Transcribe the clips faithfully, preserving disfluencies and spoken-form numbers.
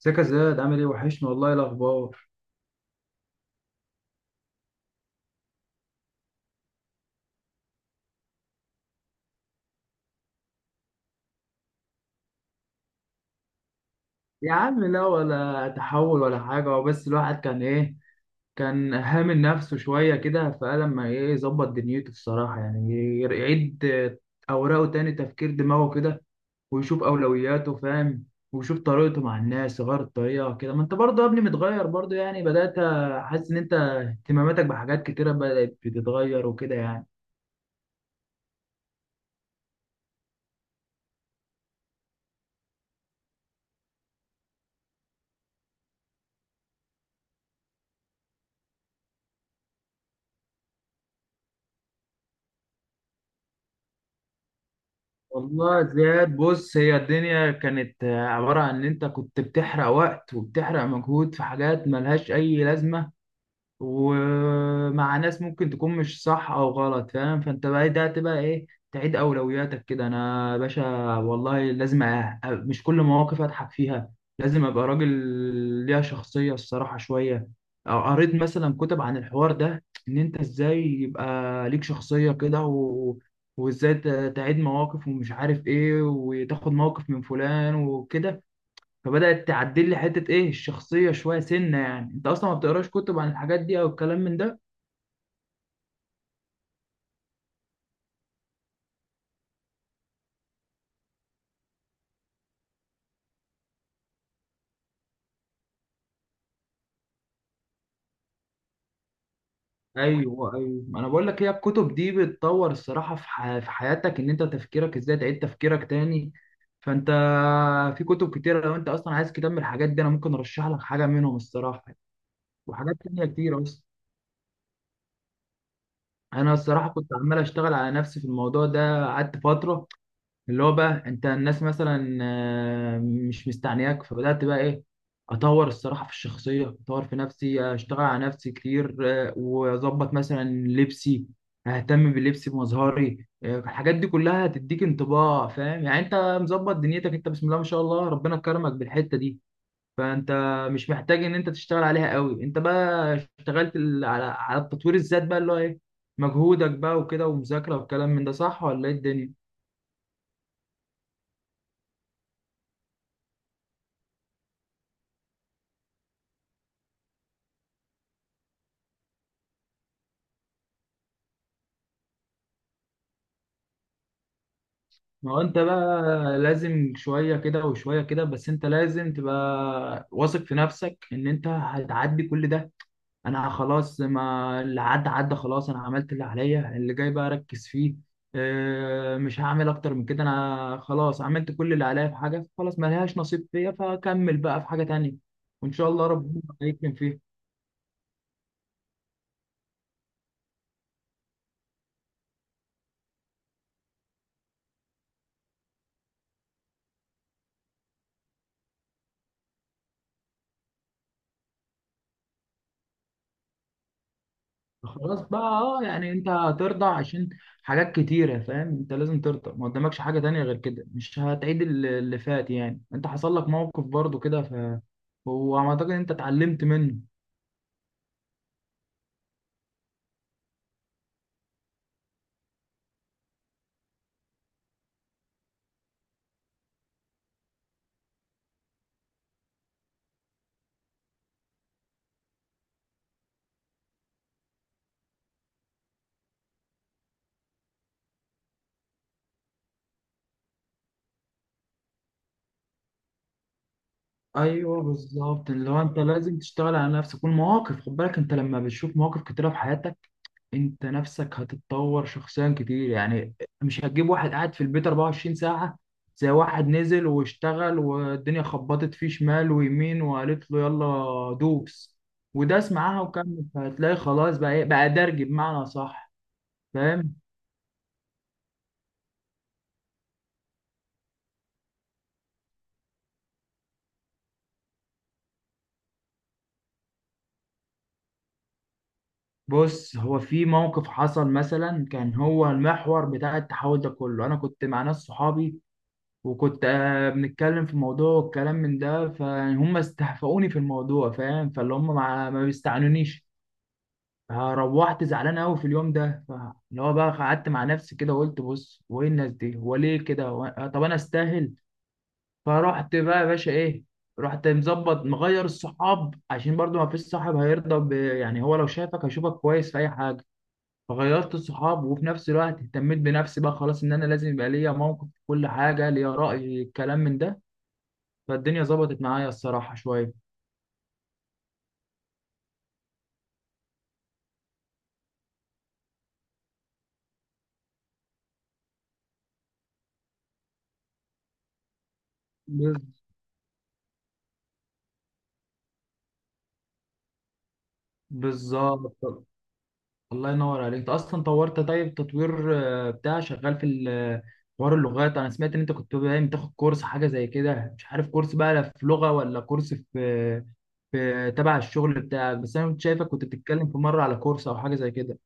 ازيك يا زياد؟ عامل ايه؟ وحشني والله، إيه الاخبار؟ يا عم لا، ولا تحول ولا حاجه، هو بس الواحد كان ايه، كان هامل نفسه شويه كده، فقال لما ايه يظبط دنيته الصراحه، يعني يعيد اوراقه تاني، تفكير دماغه كده، ويشوف اولوياته، فاهم؟ ويشوف طريقته مع الناس، يغير الطريقه كده. ما انت برضه يا ابني متغير برضه يعني، بدات احس ان انت اهتماماتك بحاجات كتيره بدات بتتغير وكده يعني. والله زياد، بص، هي الدنيا كانت آه، عبارة عن إن أنت كنت بتحرق وقت وبتحرق مجهود في حاجات ملهاش أي لازمة، ومع ناس ممكن تكون مش صح او غلط، فاهم؟ فانت بقى ده تبقى ايه، تعيد اولوياتك كده. انا يا باشا والله لازم أ... أ- مش كل مواقف اضحك فيها، لازم ابقى راجل ليها شخصية الصراحة شوية. أو قريت مثلا كتب عن الحوار ده، ان انت ازاي يبقى ليك شخصية كده، و... وازاي ت- تعيد مواقف ومش عارف ايه، وتاخد موقف من فلان وكده. فبدأت تعدل لي حتة إيه الشخصية شوية سنة. يعني أنت أصلا ما بتقراش كتب عن الحاجات دي أو الكلام من ده؟ أيوه أيوه، ما أنا بقول لك هي الكتب دي بتطور الصراحة في ح- في حياتك، إن أنت تفكيرك إزاي تعيد تفكيرك تاني. فأنت في كتب كتيرة، لو أنت أصلا عايز كتاب من الحاجات دي أنا ممكن أرشح لك حاجة منهم الصراحة يعني. وحاجات تانية كتير أصلا. أنا الصراحة كنت عمال أشتغل على نفسي في الموضوع ده، قعدت فترة اللي هو بقى انت الناس مثلا آه، مش مستعنياك، فبدات بقى ايه، اطور الصراحه في الشخصيه، اطور في نفسي، اشتغل على نفسي كتير. آه، واظبط مثلا لبسي، اهتم بلبسي بمظهري. آه، الحاجات دي كلها هتديك انطباع، فاهم يعني، انت مظبط دنيتك، انت بسم الله ما شاء الله ربنا كرمك بالحته دي. فانت مش محتاج ان انت تشتغل عليها قوي، انت بقى اشتغلت ال- على على التطوير الذات بقى، اللي هو ايه، مجهودك بقى وكده ومذاكره والكلام من ده. صح ولا ايه الدنيا؟ ما هو انت بقى لازم شوية كده وشوية كده، بس انت لازم تبقى واثق في نفسك ان انت هتعدي كل ده. انا خلاص، ما اللي عدى عدى خلاص، انا عملت اللي عليا، اللي جاي بقى اركز فيه. اه، مش هعمل اكتر من كده، انا خلاص عملت كل اللي عليا، في حاجة خلاص ما لهاش نصيب فيا، فكمل بقى في حاجة تانية. وان شاء الله ربنا يكرم فيها. خلاص بقى، اه يعني انت هترضى عشان حاجات كتيرة، فاهم؟ انت لازم ترضى، ما قدامكش حاجة تانية غير كده، مش هتعيد ال- اللي فات. يعني انت حصل لك موقف برضو كده، ف وعم اعتقد انت اتعلمت منه. ايوه بالظبط، اللي هو انت لازم تشتغل على نفسك والمواقف، خد بالك انت لما بتشوف مواقف كتيرة في حياتك، انت نفسك هتتطور شخصيا كتير يعني. مش هتجيب واحد قاعد في البيت اربعة وعشرين ساعة زي واحد نزل واشتغل والدنيا خبطت فيه شمال ويمين وقالت له يلا دوس، وداس معاها وكمل، فهتلاقي خلاص بقى ايه، بقى درج بمعنى صح. فاهم؟ بص هو في موقف حصل مثلا كان هو المحور بتاع التحول ده كله، انا كنت مع ناس صحابي، وكنت آه، بنتكلم في موضوع والكلام من ده، فهم استهفؤوني في الموضوع، فاهم؟ فاللي هم ما ما بيستعنونيش. ها، روحت زعلان قوي في اليوم ده، ف- اللي هو بقى قعدت مع نفسي كده وقلت بص هو ايه الناس دي، هو ليه كده، هو أنا- طب انا استاهل؟ فرحت بقى يا باشا ايه، رحت مظبط، مغير الصحاب، عشان برضو ما فيش صاحب هيرضى ب... يعني، هو لو شافك هيشوفك كويس في اي حاجه. فغيرت الصحاب، وفي نفس الوقت اهتميت بنفسي بقى خلاص، ان انا لازم يبقى ليا موقف في كل حاجه، ليا راي، الكلام من ده. فالدنيا ظبطت معايا الصراحه شويه. بز- بالظبط. الله ينور عليك، انت اصلا طورت. طيب تطوير آه، بتاع شغال في ال- آه، حوار اللغات، انا سمعت ان انت كنت باين بتاخد كورس حاجه زي كده، مش عارف كورس بقى لا في لغه ولا كورس في في تبع الشغل بتاعك، بس انا كنت شايفك كنت بتتكلم في مره على كورس او حاجه زي كده.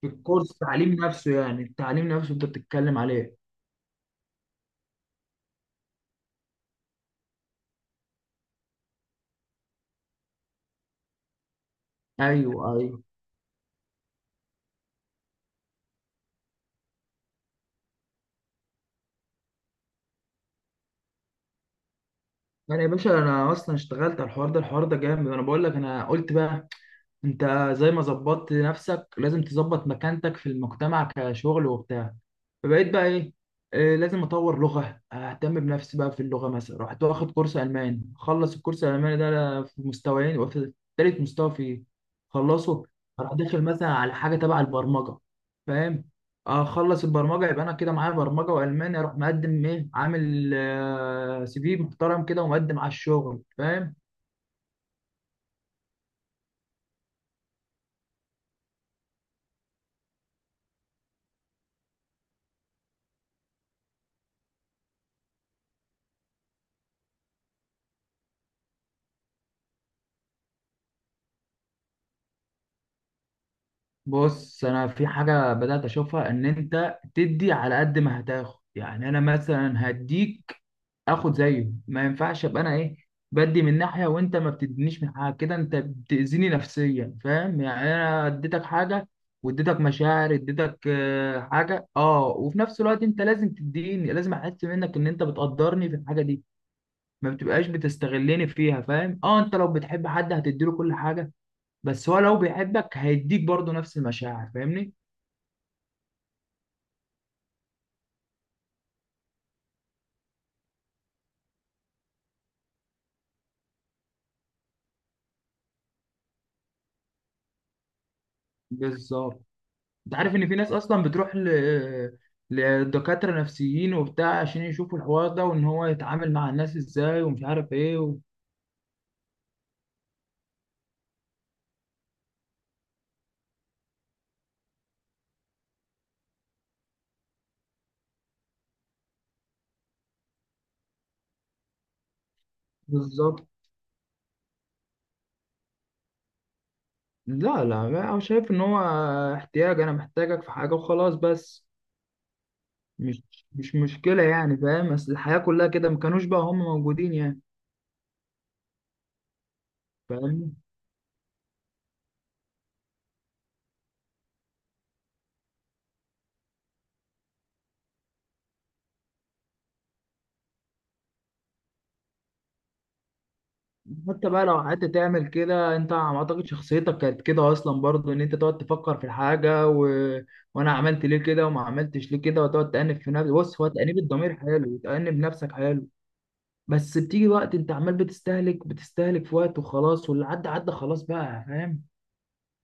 في الكورس التعليم نفسه، يعني التعليم نفسه انت بتتكلم عليه؟ ايوه ايوه. يعني يا باشا انا اصلا اشتغلت على الحوار ده، الحوار ده جامد، انا بقول لك، انا قلت بقى انت زي ما ظبطت نفسك لازم تظبط مكانتك في المجتمع كشغل وبتاع. فبقيت بقى ايه، آه، لازم اطور لغه، اهتم بنفسي بقى في اللغه، مثلا رحت واخد كورس الماني، خلص الكورس الالماني ده في مستويين وفي تالت مستوى فيه خلصه. اروح داخل مثلا على حاجه تبع البرمجه، فاهم؟ اخلص البرمجه، يبقى انا كده معايا برمجه والماني، اروح مقدم ايه، عامل آه، سي في محترم كده، ومقدم على الشغل. فاهم؟ بص انا في حاجه بدات اشوفها، ان انت تدي على قد ما هتاخد، يعني انا مثلا هديك اخد زيه، ما ينفعش ابقى انا ايه، بدي من ناحيه وانت ما بتدينيش من حاجه كده، انت بتاذيني نفسيا، فاهم يعني؟ انا اديتك حاجه واديتك مشاعر، اديتك آه، حاجه، اه، وفي نفس الوقت انت لازم تديني، لازم احس منك ان انت بتقدرني في الحاجه دي، ما بتبقاش بتستغلني فيها. فاهم؟ اه، انت لو بتحب حد هتديله كل حاجه، بس هو لو بيحبك هيديك برضه نفس المشاعر. فاهمني؟ بالظبط. انت عارف ان في ناس اصلا بتروح ل... لدكاترة نفسيين وبتاع عشان يشوفوا الحوار ده، وان هو يتعامل مع الناس ازاي ومش عارف ايه و... بالظبط. لا لا، انا شايف ان هو احتياج، انا محتاجك في حاجة وخلاص، بس. مش مش مشكلة يعني، فاهم؟ بس الحياة كلها كده، ما كانوش بقى هم موجودين يعني. فاهم؟ حتى بقى لو قعدت تعمل كده، انت ما اعتقد شخصيتك كانت كده اصلا، برضو ان انت تقعد تفكر في الحاجه و... وانا عملت ليه كده وما عملتش ليه كده، وتقعد تأنب في نفسك. بص هو تأنيب الضمير حلو، وتأنب نفسك حلو، بس بتيجي وقت انت عمال بتستهلك بتستهلك في وقت، وخلاص واللي عدى عدى، خلاص بقى. فاهم؟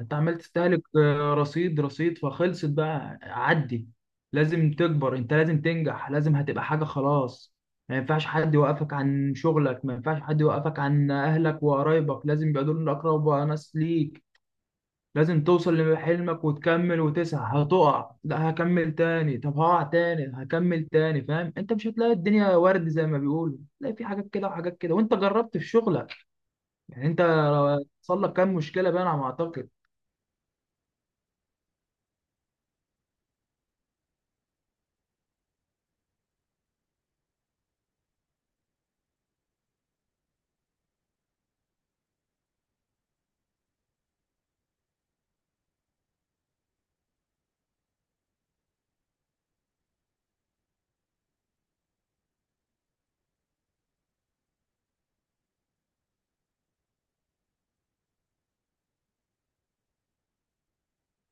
انت عمال تستهلك آه، رصيد رصيد، فخلصت بقى، عدي. لازم تكبر، انت لازم تنجح، لازم هتبقى حاجة خلاص. ما ينفعش حد يوقفك عن شغلك، ما ينفعش حد يوقفك عن اهلك وقرايبك، لازم يبقى دول اقرب ناس ليك. لازم توصل لحلمك وتكمل وتسعى، هتقع، لا هكمل تاني، طب هقع تاني هكمل تاني. فاهم؟ انت مش هتلاقي الدنيا ورد زي ما بيقولوا، تلاقي في حاجات كده وحاجات كده، وانت جربت في شغلك يعني، انت حصل لك كام مشكلة بقى، انا ما اعتقد.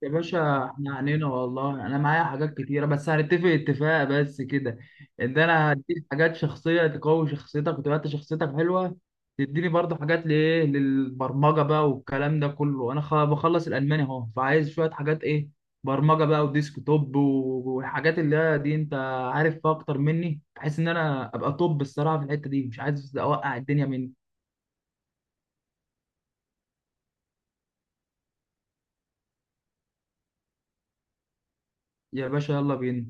يا باشا احنا عنينا والله، انا معايا حاجات كتيره، بس هنتفق اتفاق بس كده، ان انا هديك حاجات شخصيه تقوي شخصيتك وتبقى انت شخصيتك حلوه، تديني برضه حاجات لايه للبرمجه بقى والكلام ده كله، انا خ- بخلص الالماني اهو، فعايز شويه حاجات ايه، برمجه بقى وديسك توب و- والحاجات اللي هي دي انت عارف فيها اكتر مني، بحيث ان انا ابقى توب الصراحه في الحته دي، مش عايز اوقع الدنيا مني. يا باشا يلا بينا.